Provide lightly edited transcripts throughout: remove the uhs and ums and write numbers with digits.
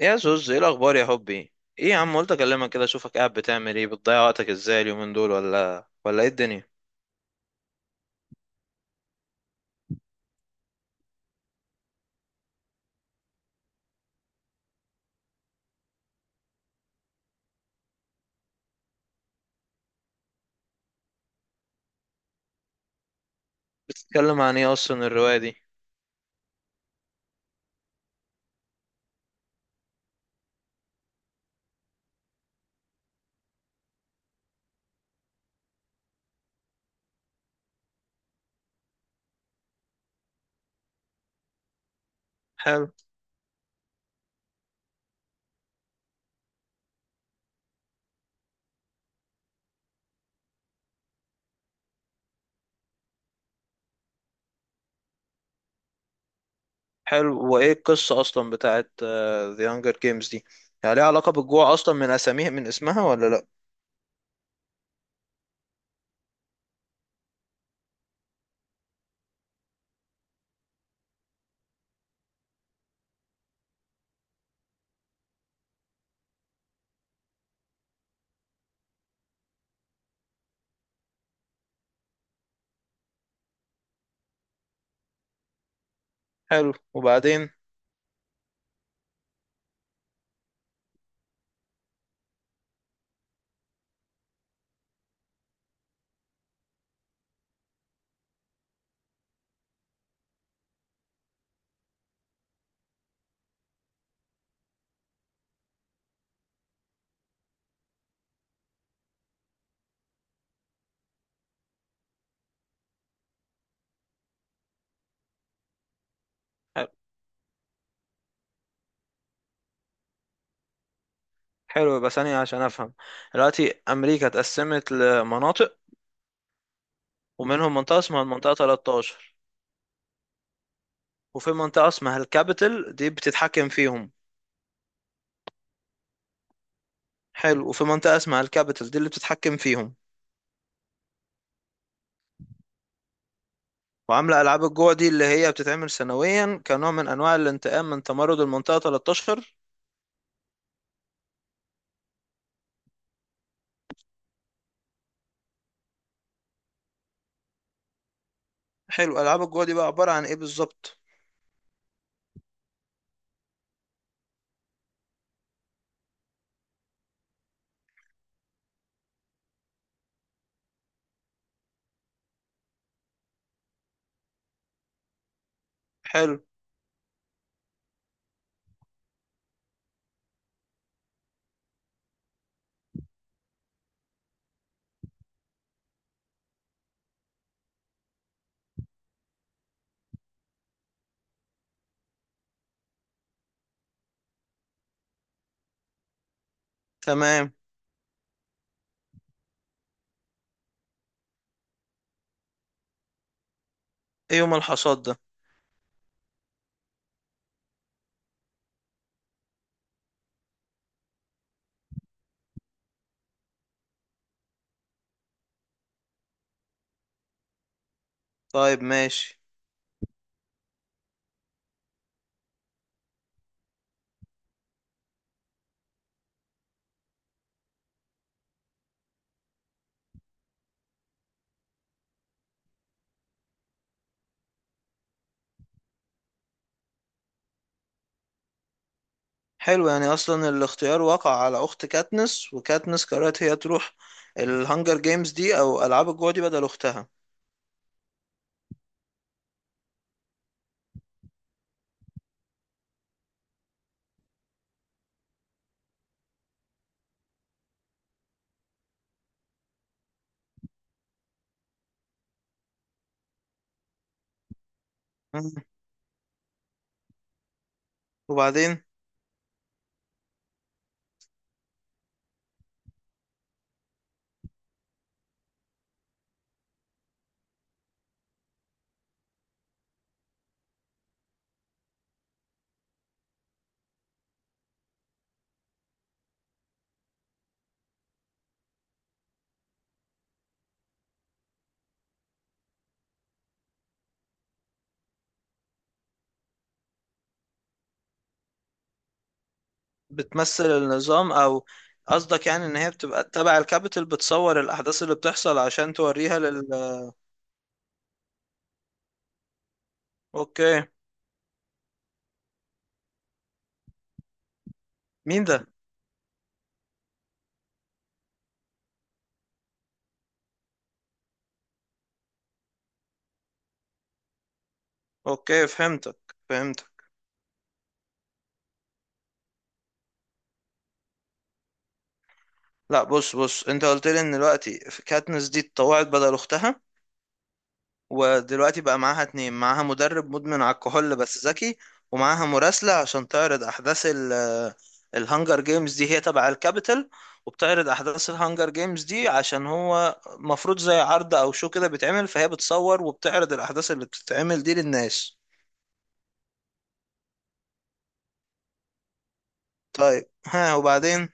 يا زوز، ايه الاخبار يا حبي؟ ايه يا عم، قلت اكلمك كده اشوفك قاعد بتعمل ايه، بتضيع وقتك ازاي اليومين دول، ولا ايه الدنيا؟ بتتكلم عن ايه اصلا الرواية دي؟ حلو. حلو، وايه القصة اصلا بتاعت The Hunger Games دي؟ يعني ليها علاقة بالجوع اصلا من اساميها، من اسمها، ولا لا؟ حلو، وبعدين؟ حلو. حلو، يبقى ثانية عشان افهم. دلوقتي امريكا اتقسمت لمناطق، ومنهم منطقة اسمها المنطقة 13، وفي منطقة اسمها الكابيتال دي بتتحكم فيهم. حلو، وفي منطقة اسمها الكابيتال دي اللي بتتحكم فيهم، وعاملة ألعاب الجوع دي اللي هي بتتعمل سنويا كنوع من أنواع الانتقام من تمرد المنطقة 13. حلو، ألعاب الجوع دي بقى عبارة عن إيه بالظبط؟ حلو. تمام. إيه يوم الحصاد ده؟ طيب، ماشي. حلو، يعني أصلا الاختيار وقع على أخت كاتنس، وكاتنس قررت هي تروح الهانجر جيمز دي أو ألعاب الجوع دي بدل أختها. مم. وبعدين؟ بتمثل النظام، أو قصدك يعني إن هي بتبقى تبع الكابيتال بتصور الأحداث اللي بتحصل عشان توريها لل... أوكي. مين ده؟ اوكي، فهمتك، فهمتك. لا بص، انت قلت لي ان دلوقتي في كاتنس دي اتطوعت بدل اختها، ودلوقتي بقى معاها اتنين: معاها مدرب مدمن على الكحول بس ذكي، ومعاها مراسلة عشان تعرض احداث ال... الهانجر جيمز دي هي تبع الكابيتال، وبتعرض احداث الهانجر جيمز دي عشان هو مفروض زي عرض او شو كده بيتعمل، فهي بتصور وبتعرض الاحداث اللي بتتعمل دي للناس. طيب، ها، وبعدين؟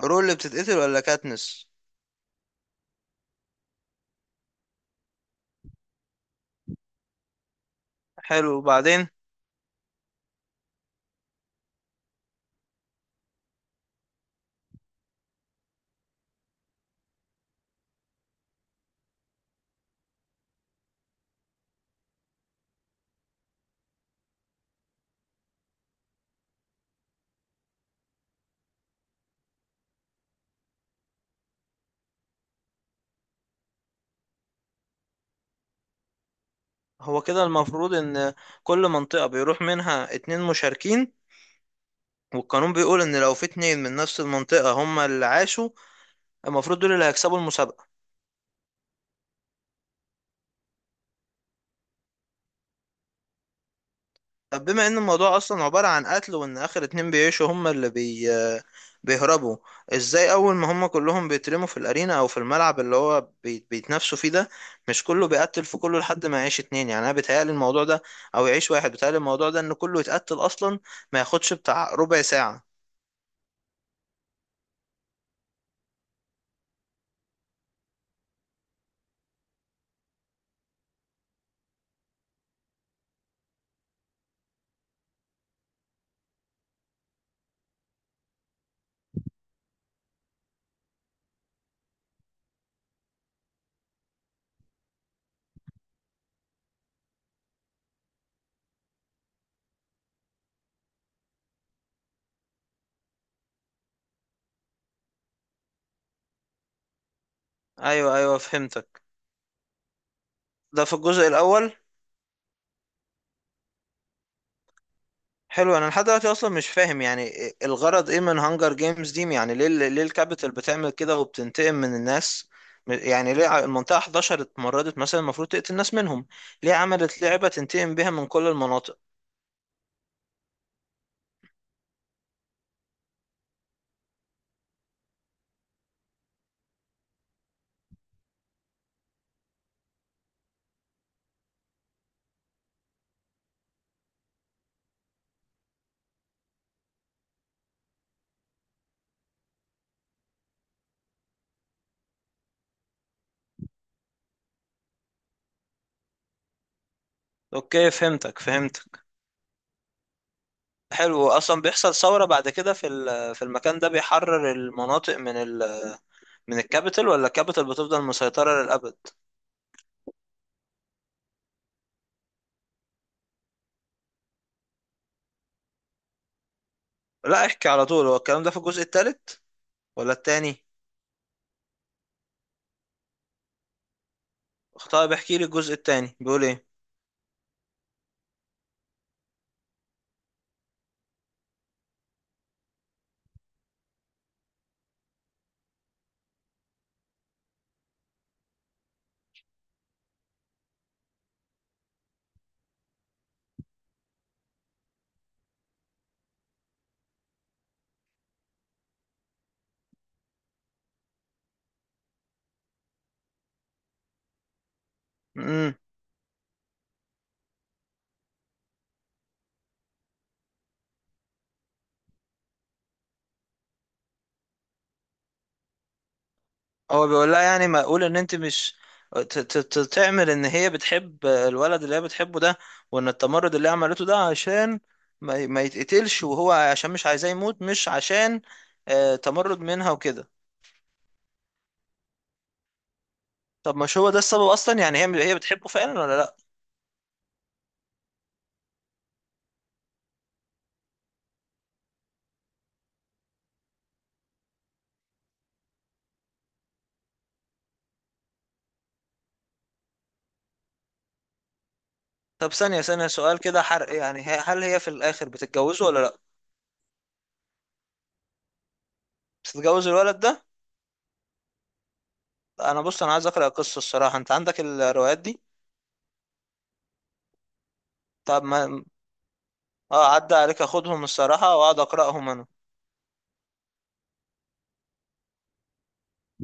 رول اللي بتتقتل ولا كاتنس؟ حلو، وبعدين؟ هو كده المفروض ان كل منطقة بيروح منها اتنين مشاركين، والقانون بيقول ان لو في اتنين من نفس المنطقة هما اللي عاشوا، المفروض دول اللي هيكسبوا المسابقة. طب بما ان الموضوع اصلا عبارة عن قتل، وان اخر اتنين بيعيشوا هما اللي بي... بيهربوا، ازاي اول ما هما كلهم بيترموا في الارينا او في الملعب اللي هو بي... بيتنافسوا فيه ده، مش كله بيقتل في كله لحد ما يعيش اتنين؟ يعني انا بيتهيألي الموضوع ده، او يعيش واحد بيتهيألي الموضوع ده، ان كله يتقتل اصلا ما ياخدش بتاع ربع ساعة. ايوه، ايوه فهمتك. ده في الجزء الاول. حلو، انا لحد دلوقتي اصلا مش فاهم يعني الغرض ايه من هانجر جيمز دي؟ يعني ليه، الكابيتال بتعمل كده وبتنتقم من الناس؟ يعني ليه المنطقة 11 اتمردت مثلا المفروض تقتل الناس منهم، ليه عملت لعبة تنتقم بيها من كل المناطق؟ اوكي فهمتك، فهمتك. حلو، اصلا بيحصل ثورة بعد كده في في المكان ده بيحرر المناطق من ال... من الكابيتال، ولا الكابيتال بتفضل مسيطرة للأبد؟ لا احكي على طول، هو الكلام ده في الجزء الثالث ولا الثاني؟ طيب احكي لي الجزء الثاني بيقول ايه. امم. هو بيقول لها يعني ما اقول ان انت مش تعمل ان هي بتحب الولد اللي هي بتحبه ده، وان التمرد اللي هي عملته ده عشان ما يتقتلش، وهو عشان مش عايزاه يموت، مش عشان تمرد منها وكده؟ طب مش هو ده السبب اصلا؟ يعني هي بتحبه فعلا ولا لا؟ طب ثانية، ثانية، سؤال كده حرق، يعني هل هي في الاخر بتتجوزه ولا لا؟ بتتجوز الولد ده؟ انا بص، انا عايز اقرا القصة الصراحة، انت عندك الروايات دي؟ طب ما... اه عدى عليك اخدهم الصراحة واقعد اقراهم انا.